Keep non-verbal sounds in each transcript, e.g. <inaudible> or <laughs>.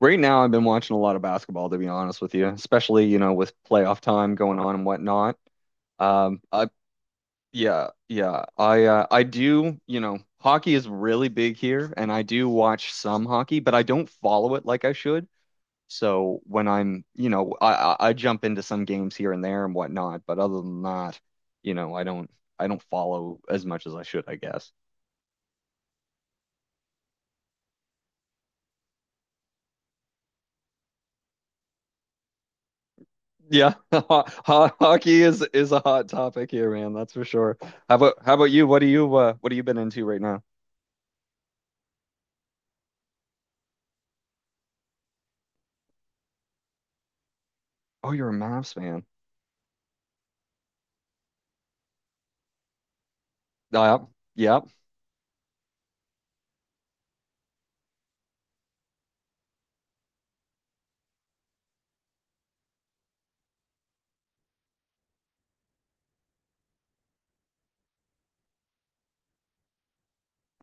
Right now, I've been watching a lot of basketball, to be honest with you, especially, you know, with playoff time going on and whatnot. Um, I, yeah, yeah, I do, hockey is really big here, and I do watch some hockey, but I don't follow it like I should. So when I'm, you know, I jump into some games here and there and whatnot, but other than that, you know, I don't, I don't follow as much as I should, I guess. Yeah, <laughs> hockey is a hot topic here, man. That's for sure. How about you? What have you been into right now? Oh, you're a Mavs fan. Yeah, yeah.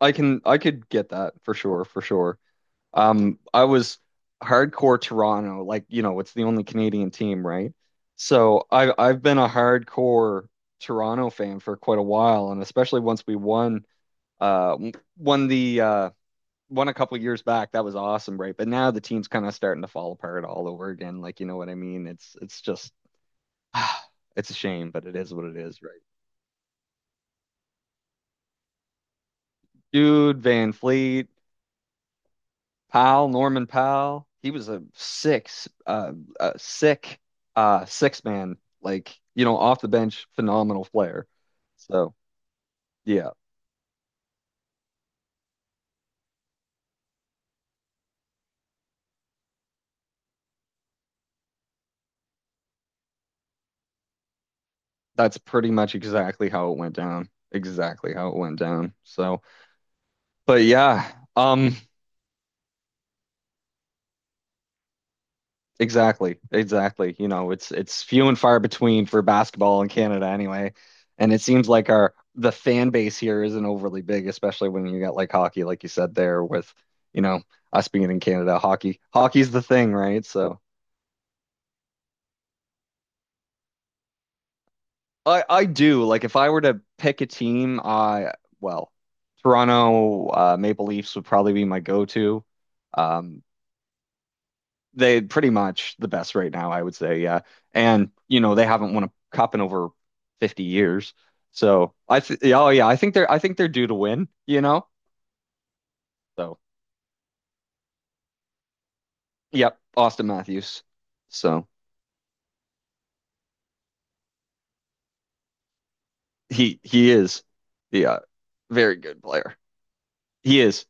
I could get that for sure, for sure. I was hardcore Toronto, like, it's the only Canadian team, right? So I've been a hardcore Toronto fan for quite a while, and especially once we uh won the uh won a couple years back. That was awesome, right? But now the team's kind of starting to fall apart all over again. Like, you know what I mean? It's just <sighs> it's a shame, but it is what it is, right? Dude, Van Fleet, Powell, Norman Powell. He was a sick, six man. Like, off the bench, phenomenal player. So yeah, that's pretty much exactly how it went down. Exactly how it went down. So, but yeah, um, exactly, exactly. You know, it's few and far between for basketball in Canada anyway. And it seems like our the fan base here isn't overly big, especially when you got like hockey, like you said there with, you know, us being in Canada, hockey's the thing, right? So I do like if I were to pick a team, I well, Toronto Maple Leafs would probably be my go-to. Um, They pretty much the best right now, I would say. Yeah. And, they haven't won a cup in over 50 years. So I th yeah, oh yeah, I think they're due to win, you know? So yep, Austin Matthews. So he is the very good player. He is,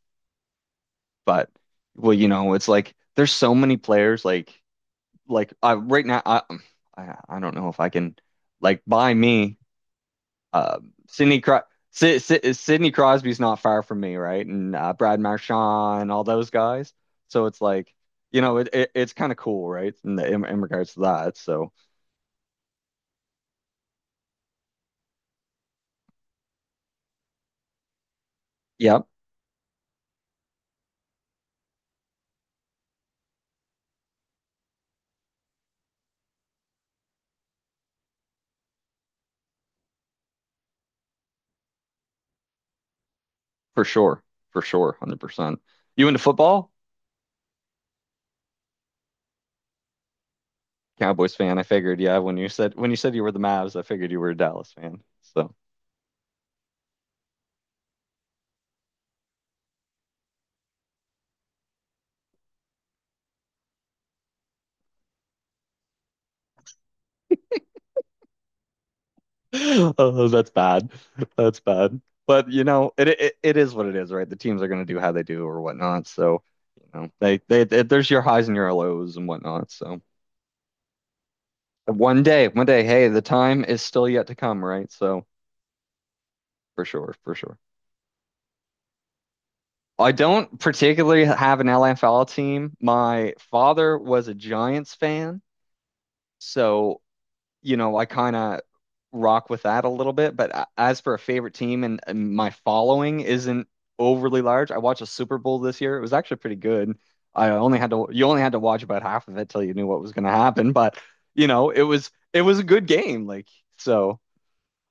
but well, it's like there's so many players like I right now I don't know if I can like by me. Um, Sidney Cro Sidney Crosby's not far from me, right? And Brad Marchand, all those guys. So it's like, it's kind of cool, right? In, the, in regards to that. So yeah, for sure, for sure, 100%. You into football? Cowboys fan, I figured. Yeah, when you said you were the Mavs, I figured you were a Dallas fan. So <laughs> oh, that's bad. That's bad. But it is what it is, right? The teams are going to do how they do or whatnot. So, they there's your highs and your lows and whatnot. So one day, hey, the time is still yet to come, right? So for sure, for sure. I don't particularly have an LFL team. My father was a Giants fan, so, I kind of rock with that a little bit. But as for a favorite team and my following isn't overly large. I watched a Super Bowl this year. It was actually pretty good. I only had to You only had to watch about half of it till you knew what was going to happen. But it was a good game. Like so,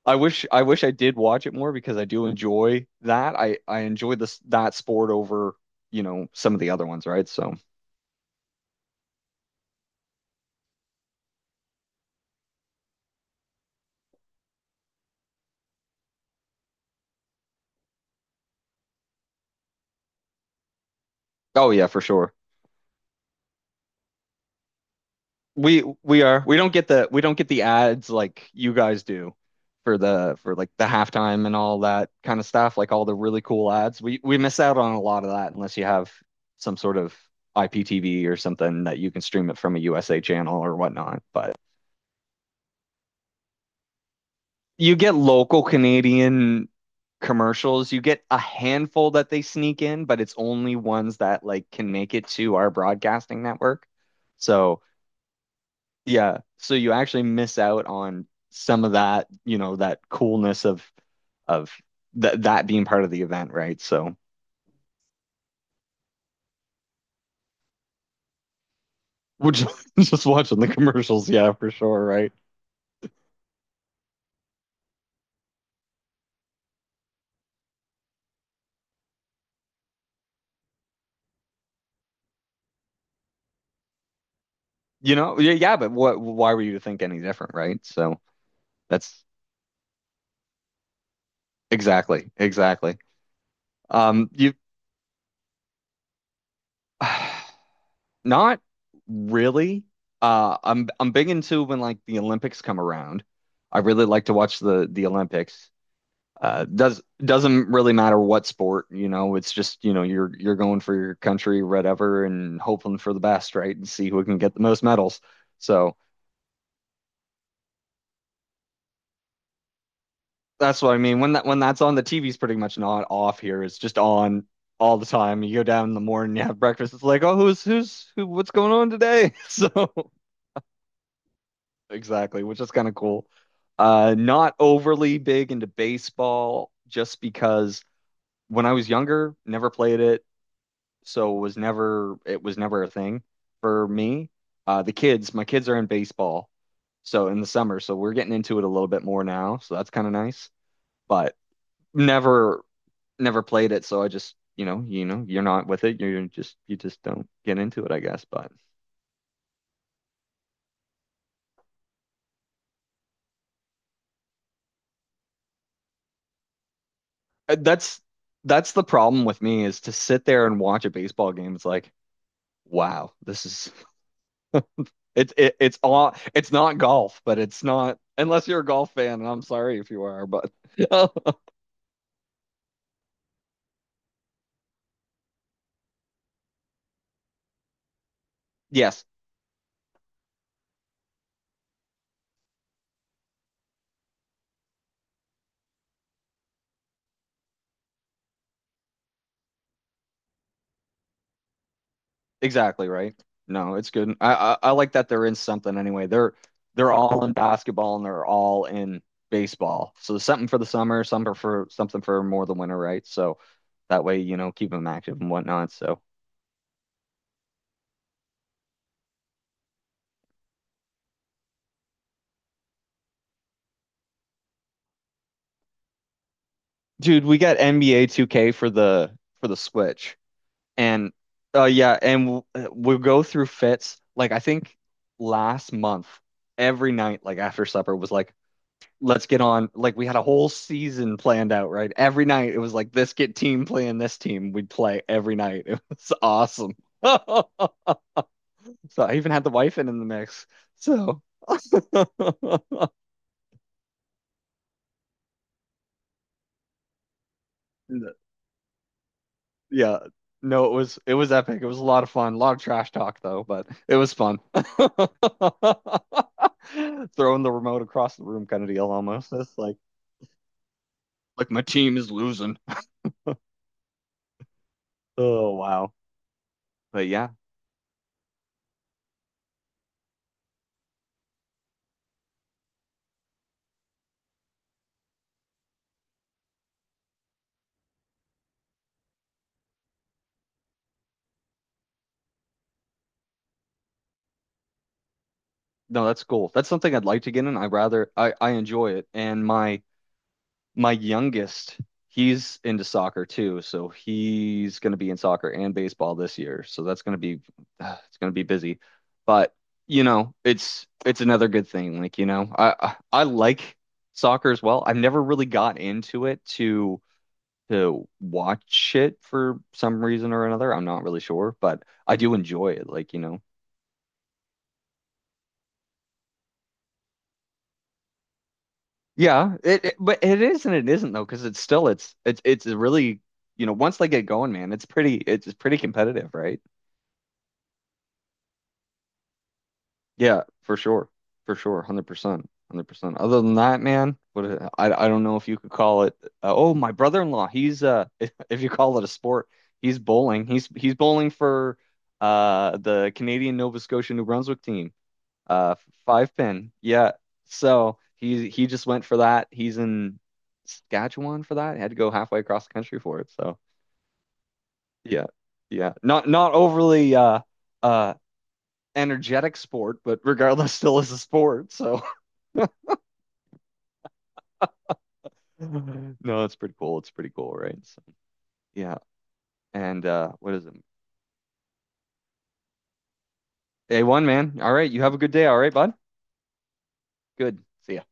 I wish I did watch it more because I do enjoy that. I enjoy this that sport over some of the other ones, right? So, oh yeah, for sure. We are. We don't get the ads like you guys do for like the halftime and all that kind of stuff, like all the really cool ads. We miss out on a lot of that unless you have some sort of IPTV or something that you can stream it from a USA channel or whatnot. But you get local Canadian commercials. You get a handful that they sneak in, but it's only ones that like can make it to our broadcasting network. So yeah, so you actually miss out on some of that, you know, that coolness of that being part of the event, right? So, which <laughs> just watching the commercials, yeah, for sure, right? You know, yeah, yeah, but what why were you to think any different, right? So, that's exactly, exactly. You <sighs> not really. I'm big into when like the Olympics come around. I really like to watch the Olympics. Doesn't really matter what sport, you know. It's just you know you're going for your country, whatever, and hoping for the best, right? And see who can get the most medals. So that's what I mean. When that's on, the TV's pretty much not off here. It's just on all the time. You go down in the morning, you have breakfast. It's like, oh, who's who? What's going on today? <laughs> So exactly, which is kind of cool. Not overly big into baseball, just because when I was younger, never played it. So it was never a thing for me. My kids are in baseball, so in the summer, so we're getting into it a little bit more now, so that's kind of nice. But never never played it, so I just you're not with it, you just don't get into it, I guess. But uh, that's that's the problem with me is to sit there and watch a baseball game. It's like wow, this is it, it's all, it's not golf, but it's not unless you're a golf fan, and I'm sorry if you are, but <laughs> yes. Exactly right. No, it's good. I like that they're in something anyway. They're all in basketball and they're all in baseball. So there's something for the summer, something for more the winter, right? So that way, keep them active and whatnot. So, dude, we got NBA 2K for the Switch, and yeah, and we'll go through fits. Like I think last month, every night, like after supper, was like, let's get on. Like we had a whole season planned out, right? Every night it was like this get team playing this team. We'd play every night. <laughs> It was awesome. <laughs> so I even had the wife in the mix. So <laughs> yeah, no, it was epic. It was a lot of fun. A lot of trash talk though, but it was fun. <laughs> Throwing the remote across the room kind of deal almost. It's like my team is losing. Oh wow. But yeah, no, that's cool. That's something I'd like to get in. I rather I enjoy it. And my youngest, he's into soccer too, so he's going to be in soccer and baseball this year. So that's going to be <sighs> it's going to be busy. But, it's another good thing. Like, I like soccer as well. I've never really got into it to watch it for some reason or another. I'm not really sure, but I do enjoy it. Like, you know. Yeah, but it is and it isn't though, because it's still it's a really once they get going, man, it's pretty competitive, right? Yeah, for sure, 100%, 100%. Other than that, man, what a- I don't know if you could call it. Oh, my brother-in-law, he's <laughs> if you call it a sport, he's bowling. He's bowling for the Canadian Nova Scotia New Brunswick team. Uh, Five pin. Yeah. So he just went for that. He's in Saskatchewan for that. Had to go halfway across the country for it. So yeah, yeah. Not overly uh energetic sport, but regardless, <laughs> still is a sport. So <laughs> no, it's pretty cool. It's pretty cool, right? So yeah. And what is it? A one, man. All right. You have a good day. All right, bud. Good. See ya.